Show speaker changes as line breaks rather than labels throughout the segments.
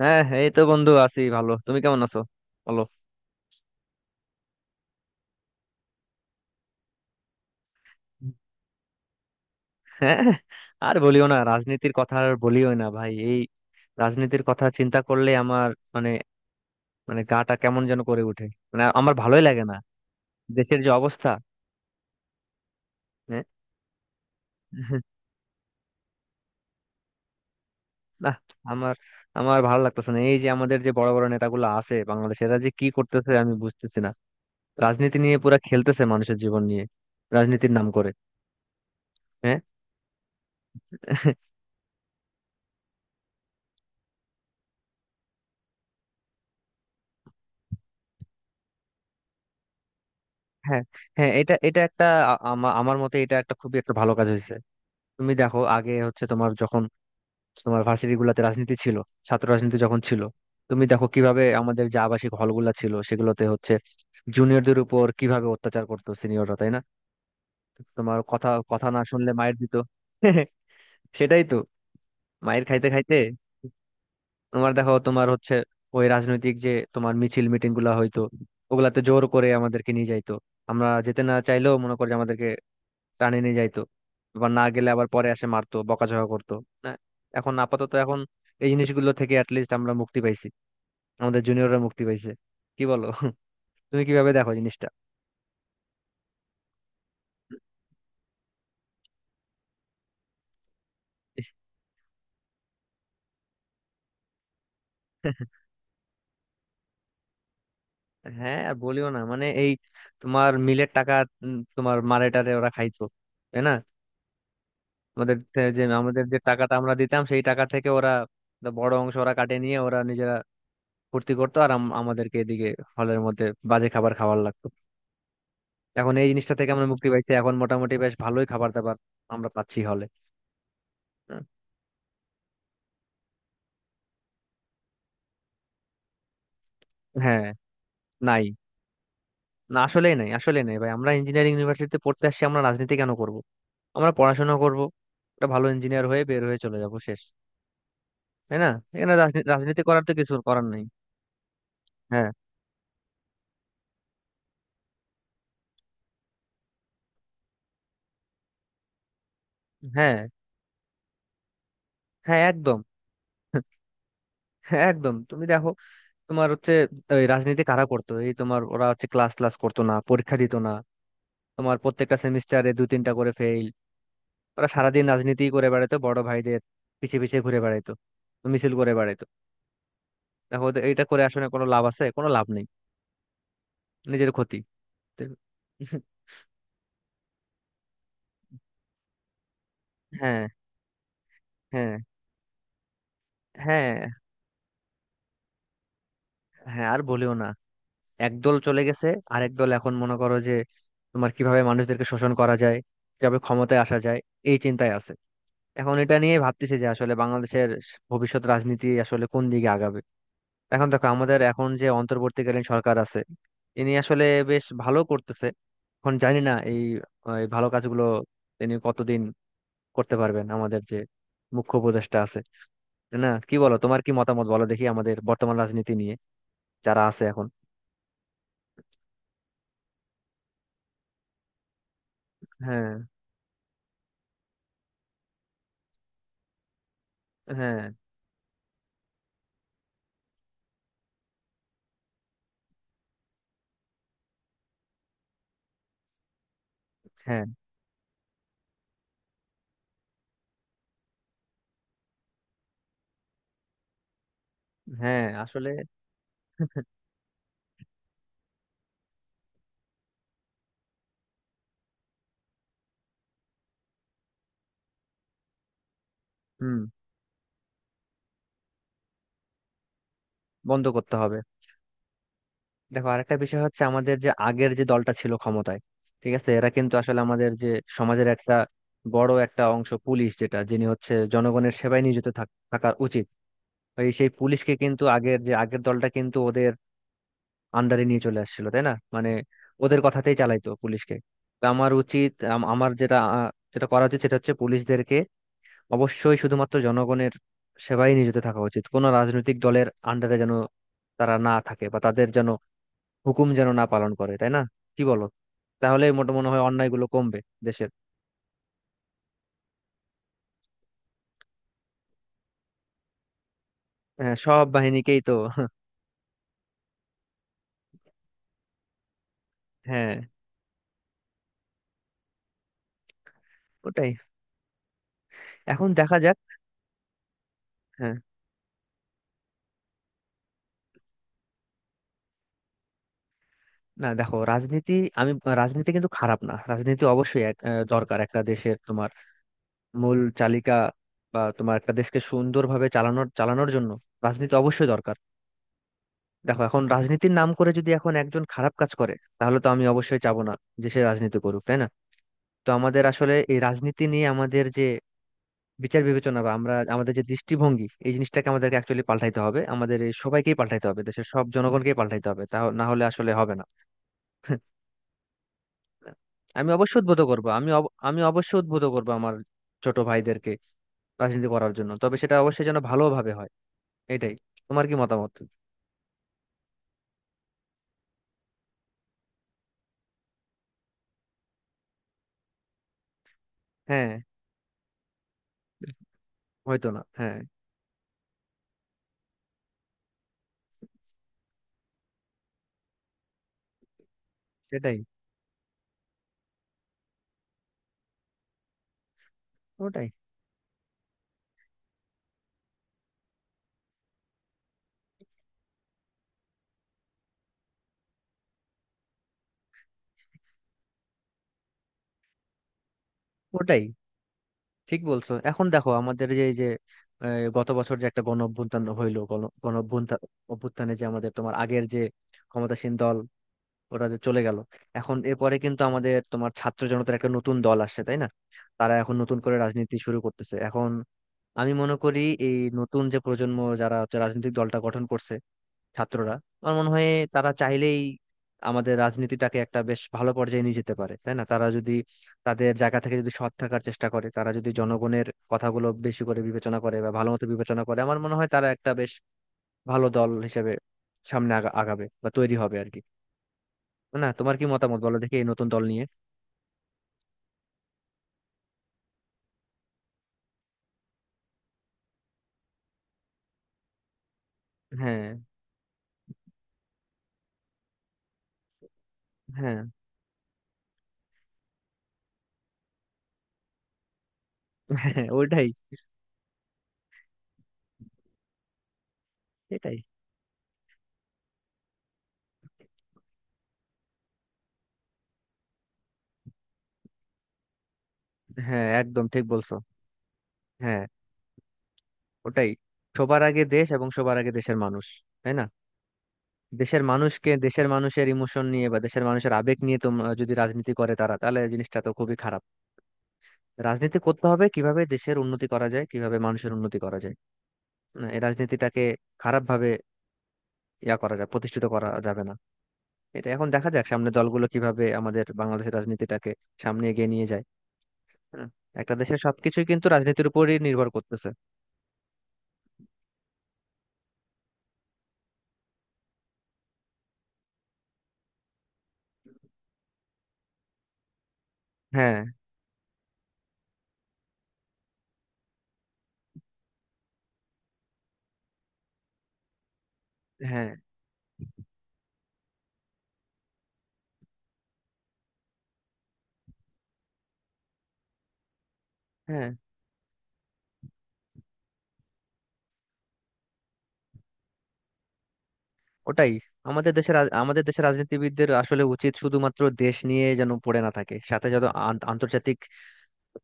হ্যাঁ, এই তো বন্ধু, আছি ভালো। তুমি কেমন আছো বলো। হ্যাঁ, আর বলিও না রাজনীতির কথা, আর বলিও না ভাই। এই রাজনীতির কথা চিন্তা করলে আমার মানে মানে গাটা কেমন যেন করে ওঠে। মানে আমার ভালোই লাগে না, দেশের যে অবস্থা। হ্যাঁ। না, আমার আমার ভালো লাগতেছে না। এই যে আমাদের যে বড় বড় নেতাগুলো আছে বাংলাদেশে, এরা যে কি করতেছে আমি বুঝতেছি না। রাজনীতি নিয়ে পুরা খেলতেছে, মানুষের জীবন নিয়ে রাজনীতির নাম করে। হ্যাঁ। হ্যাঁ, হ্যাঁ, এটা এটা একটা, আমার মতে এটা একটা খুবই একটা ভালো কাজ হয়েছে। তুমি দেখো, আগে হচ্ছে তোমার যখন তোমার ভার্সিটি গুলাতে রাজনীতি ছিল, ছাত্র রাজনীতি যখন ছিল, তুমি দেখো কিভাবে আমাদের যে আবাসিক হলগুলা ছিল সেগুলোতে হচ্ছে জুনিয়রদের উপর কিভাবে অত্যাচার করতো সিনিয়ররা, তাই না? তোমার কথা কথা না শুনলে মায়ের দিত। সেটাই তো, মায়ের খাইতে খাইতে। তোমার দেখো, তোমার হচ্ছে ওই রাজনৈতিক যে তোমার মিছিল মিটিং গুলা হয়তো, ওগুলাতে জোর করে আমাদেরকে নিয়ে যাইতো। আমরা যেতে না চাইলেও মনে করো যে আমাদেরকে টানে নিয়ে যাইতো। এবার না গেলে আবার পরে এসে মারতো, বকাঝকা করতো। না, এখন আপাতত এখন এই জিনিসগুলো থেকে অ্যাটলিস্ট আমরা মুক্তি পাইছি, আমাদের জুনিয়ররা মুক্তি পাইছে। কি বলো? তুমি কিভাবে দেখো জিনিসটা? হ্যাঁ, আর বলিও না, মানে এই তোমার মিলের টাকা, তোমার মারেটারে ওরা খাইতো, তাই না? যে আমাদের যে টাকাটা আমরা দিতাম, সেই টাকা থেকে ওরা একটা বড় অংশ ওরা কাটে নিয়ে ওরা নিজেরা ফুর্তি করতো, আর আমাদেরকে এদিকে হলের মধ্যে বাজে খাবার খাওয়ার লাগতো। এখন এই জিনিসটা থেকে আমরা মুক্তি পাইছি, এখন মোটামুটি বেশ ভালোই খাবার দাবার আমরা পাচ্ছি হলে। হ্যাঁ। নাই। না, আসলেই নাই, আসলেই নাই ভাই। আমরা ইঞ্জিনিয়ারিং ইউনিভার্সিটিতে পড়তে আসছি, আমরা রাজনীতি কেন করব? আমরা পড়াশোনা করব, একটা ভালো ইঞ্জিনিয়ার হয়ে বের হয়ে চলে যাব, শেষ। তাই না? এখানে রাজনীতি করার তো কিছু করার নাই। হ্যাঁ, হ্যাঁ, হ্যাঁ একদম। হ্যাঁ, একদম। তুমি দেখো, তোমার হচ্ছে ওই রাজনীতি কারা করতো? এই তোমার ওরা হচ্ছে ক্লাস ক্লাস করতো না, পরীক্ষা দিত না, তোমার প্রত্যেকটা সেমিস্টারে দু তিনটা করে ফেল। ওরা সারাদিন রাজনীতি করে বেড়াতো, বড় ভাইদের পিছে পিছে ঘুরে বেড়াইতো, মিছিল করে বেড়াইতো। দেখো, ওদের- এইটা করে আসলে কোনো লাভ আছে? কোনো লাভ নেই, নিজের ক্ষতি। তো হ্যাঁ, হ্যাঁ, হ্যাঁ। হ্যাঁ, আর বলিও না। একদল চলে গেছে, আরেক দল এখন মনে করো যে তোমার কিভাবে মানুষদেরকে শোষণ করা যায়, কিভাবে ক্ষমতায় আসা যায়, এই চিন্তায় আছে। এখন এটা নিয়ে ভাবতেছি যে আসলে বাংলাদেশের ভবিষ্যৎ রাজনীতি আসলে কোন দিকে আগাবে। এখন দেখো, আমাদের এখন যে অন্তর্বর্তীকালীন সরকার আছে, ইনি আসলে বেশ ভালো করতেছে। এখন জানি না এই এই ভালো কাজগুলো তিনি কতদিন করতে পারবেন, আমাদের যে মুখ্য উপদেষ্টা আছে। তাই না? কি বলো, তোমার কি মতামত, বলো দেখি, আমাদের বর্তমান রাজনীতি নিয়ে যারা আছে এখন। হ্যাঁ, হ্যাঁ, হ্যাঁ। হ্যাঁ, আসলে। হুম। বন্ধ করতে হবে। দেখো, আরেকটা বিষয় হচ্ছে আমাদের যে আগের যে দলটা ছিল ক্ষমতায়, ঠিক আছে, এরা কিন্তু আসলে আমাদের যে সমাজের একটা বড় একটা অংশ পুলিশ, যেটা যিনি হচ্ছে জনগণের সেবায় নিয়োজিত থাকা উচিত, এই সেই পুলিশকে কিন্তু আগের যে আগের দলটা কিন্তু ওদের আন্ডারে নিয়ে চলে আসছিল, তাই না? মানে ওদের কথাতেই চালাইতো পুলিশকে। তো আমার উচিত, আমার যেটা, যেটা করা উচিত সেটা হচ্ছে পুলিশদেরকে অবশ্যই শুধুমাত্র জনগণের সেবায় নিয়োজিত থাকা উচিত, কোনো রাজনৈতিক দলের আন্ডারে যেন তারা না থাকে বা তাদের যেন হুকুম যেন না পালন করে। তাই না? কি বলো? তাহলে মোটা মনে হয় অন্যায়গুলো কমবে দেশের। হ্যাঁ, সব বাহিনীকেই তো। হ্যাঁ, ওটাই। এখন দেখা যাক। হ্যাঁ, না দেখো, রাজনীতি, আমি, রাজনীতি কিন্তু খারাপ না। রাজনীতি অবশ্যই দরকার একটা দেশের, তোমার মূল চালিকা, বা তোমার একটা দেশকে সুন্দরভাবে চালানোর চালানোর জন্য রাজনীতি অবশ্যই দরকার। দেখো, এখন রাজনীতির নাম করে যদি এখন একজন খারাপ কাজ করে, তাহলে তো আমি অবশ্যই চাবো না যে সে রাজনীতি করুক, তাই না? তো আমাদের আসলে এই রাজনীতি নিয়ে আমাদের যে বিচার বিবেচনা, বা আমরা আমাদের যে দৃষ্টিভঙ্গি, এই জিনিসটাকে আমাদেরকে অ্যাকচুয়ালি পাল্টাইতে হবে, আমাদের এই সবাইকেই পাল্টাইতে হবে, দেশের সব জনগণকেই পাল্টাইতে হবে, তা না হলে আসলে হবে না। আমি অবশ্যই উদ্বুদ্ধ করব, আমি অবশ্যই উদ্বুদ্ধ করব আমার ছোট ভাইদেরকে রাজনীতি করার জন্য, তবে সেটা অবশ্যই যেন ভালোভাবে হয়। এটাই। তোমার কি মতামত? হ্যাঁ, হয়তো না, হ্যাঁ সেটাই। ওটাই। ওটাই, ঠিক বলছো। এখন দেখো, আমাদের যে এই যে আহ, গত বছর যে একটা গণ অভ্যুত্থান হইলো, গণ গণ অভ্যুত্থান- অভ্যুত্থানে যে আমাদের তোমার আগের যে ক্ষমতাসীন দল, ওরা যে চলে গেল, এখন এরপরে কিন্তু আমাদের তোমার ছাত্র জনতার একটা নতুন দল আসছে, তাই না? তারা এখন নতুন করে রাজনীতি শুরু করতেছে। এখন আমি মনে করি এই নতুন যে প্রজন্ম যারা হচ্ছে রাজনৈতিক দলটা গঠন করছে, ছাত্ররা, আমার মনে হয় তারা চাইলেই আমাদের রাজনীতিটাকে একটা বেশ ভালো পর্যায়ে নিয়ে যেতে পারে, তাই না? তারা যদি তাদের জায়গা থেকে যদি সৎ থাকার চেষ্টা করে, তারা যদি জনগণের কথাগুলো বেশি করে বিবেচনা করে বা ভালো মতো বিবেচনা করে, আমার মনে হয় তারা একটা বেশ ভালো দল হিসেবে সামনে আগাবে বা তৈরি হবে, আর কি। না, তোমার কি মতামত, বলো দেখি এই নতুন দল নিয়ে। হ্যাঁ, হ্যাঁ, হ্যাঁ। ওইটাই। এটাই। হ্যাঁ, একদম ঠিক বলছো। হ্যাঁ, ওটাই। সবার আগে দেশ এবং সবার আগে দেশের মানুষ, তাই না? দেশের মানুষকে, দেশের মানুষের ইমোশন নিয়ে বা দেশের মানুষের আবেগ নিয়ে তোমরা যদি রাজনীতি করে তারা, তাহলে জিনিসটা তো খুবই খারাপ। রাজনীতি করতে হবে কিভাবে দেশের উন্নতি করা যায়, কিভাবে মানুষের উন্নতি করা যায়। না, এই রাজনীতিটাকে খারাপ ভাবে ইয়া করা যায়, প্রতিষ্ঠিত করা যাবে না। এটা, এখন দেখা যাক সামনে দলগুলো কিভাবে আমাদের বাংলাদেশের রাজনীতিটাকে সামনে এগিয়ে নিয়ে যায়। হুম। একটা দেশের সবকিছুই কিন্তু রাজনীতির উপরই নির্ভর করতেছে। হ্যাঁ, হ্যাঁ, হ্যাঁ। ওটাই। আমাদের দেশের রাজনীতিবিদদের আসলে উচিত শুধুমাত্র দেশ নিয়ে যেন পড়ে না থাকে, সাথে যেন আন্তর্জাতিক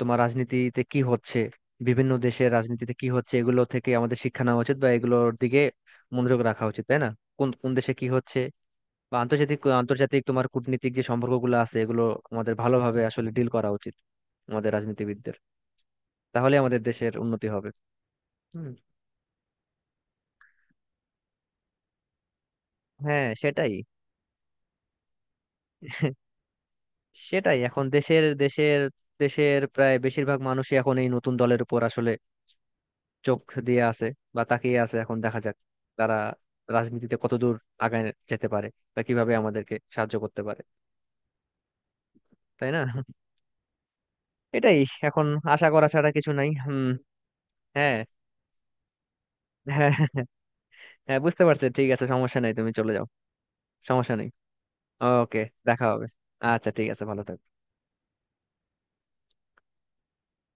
তোমার রাজনীতিতে কি হচ্ছে, বিভিন্ন দেশের রাজনীতিতে কি হচ্ছে, এগুলো থেকে আমাদের শিক্ষা নেওয়া উচিত বা এগুলোর দিকে মনোযোগ রাখা উচিত, তাই না? কোন কোন দেশে কি হচ্ছে, বা আন্তর্জাতিক আন্তর্জাতিক তোমার কূটনীতিক যে সম্পর্কগুলো আছে, এগুলো আমাদের ভালোভাবে আসলে ডিল করা উচিত, আমাদের রাজনীতিবিদদের। তাহলে আমাদের দেশের উন্নতি হবে। হুম। হ্যাঁ সেটাই। সেটাই। এখন দেশের দেশের দেশের প্রায় বেশিরভাগ মানুষই এখন এই নতুন দলের উপর আসলে চোখ দিয়ে আছে বা তাকিয়ে আছে। এখন দেখা যাক তারা রাজনীতিতে কতদূর আগায় যেতে পারে বা কিভাবে আমাদেরকে সাহায্য করতে পারে। তাই না? এটাই। এখন আশা করা ছাড়া কিছু নাই। হুম। হ্যাঁ, হ্যাঁ। হ্যাঁ, বুঝতে পারছি, ঠিক আছে, সমস্যা নেই, তুমি চলে যাও, সমস্যা নেই। ওকে, দেখা হবে। আচ্ছা, ঠিক আছে, ভালো থেকো।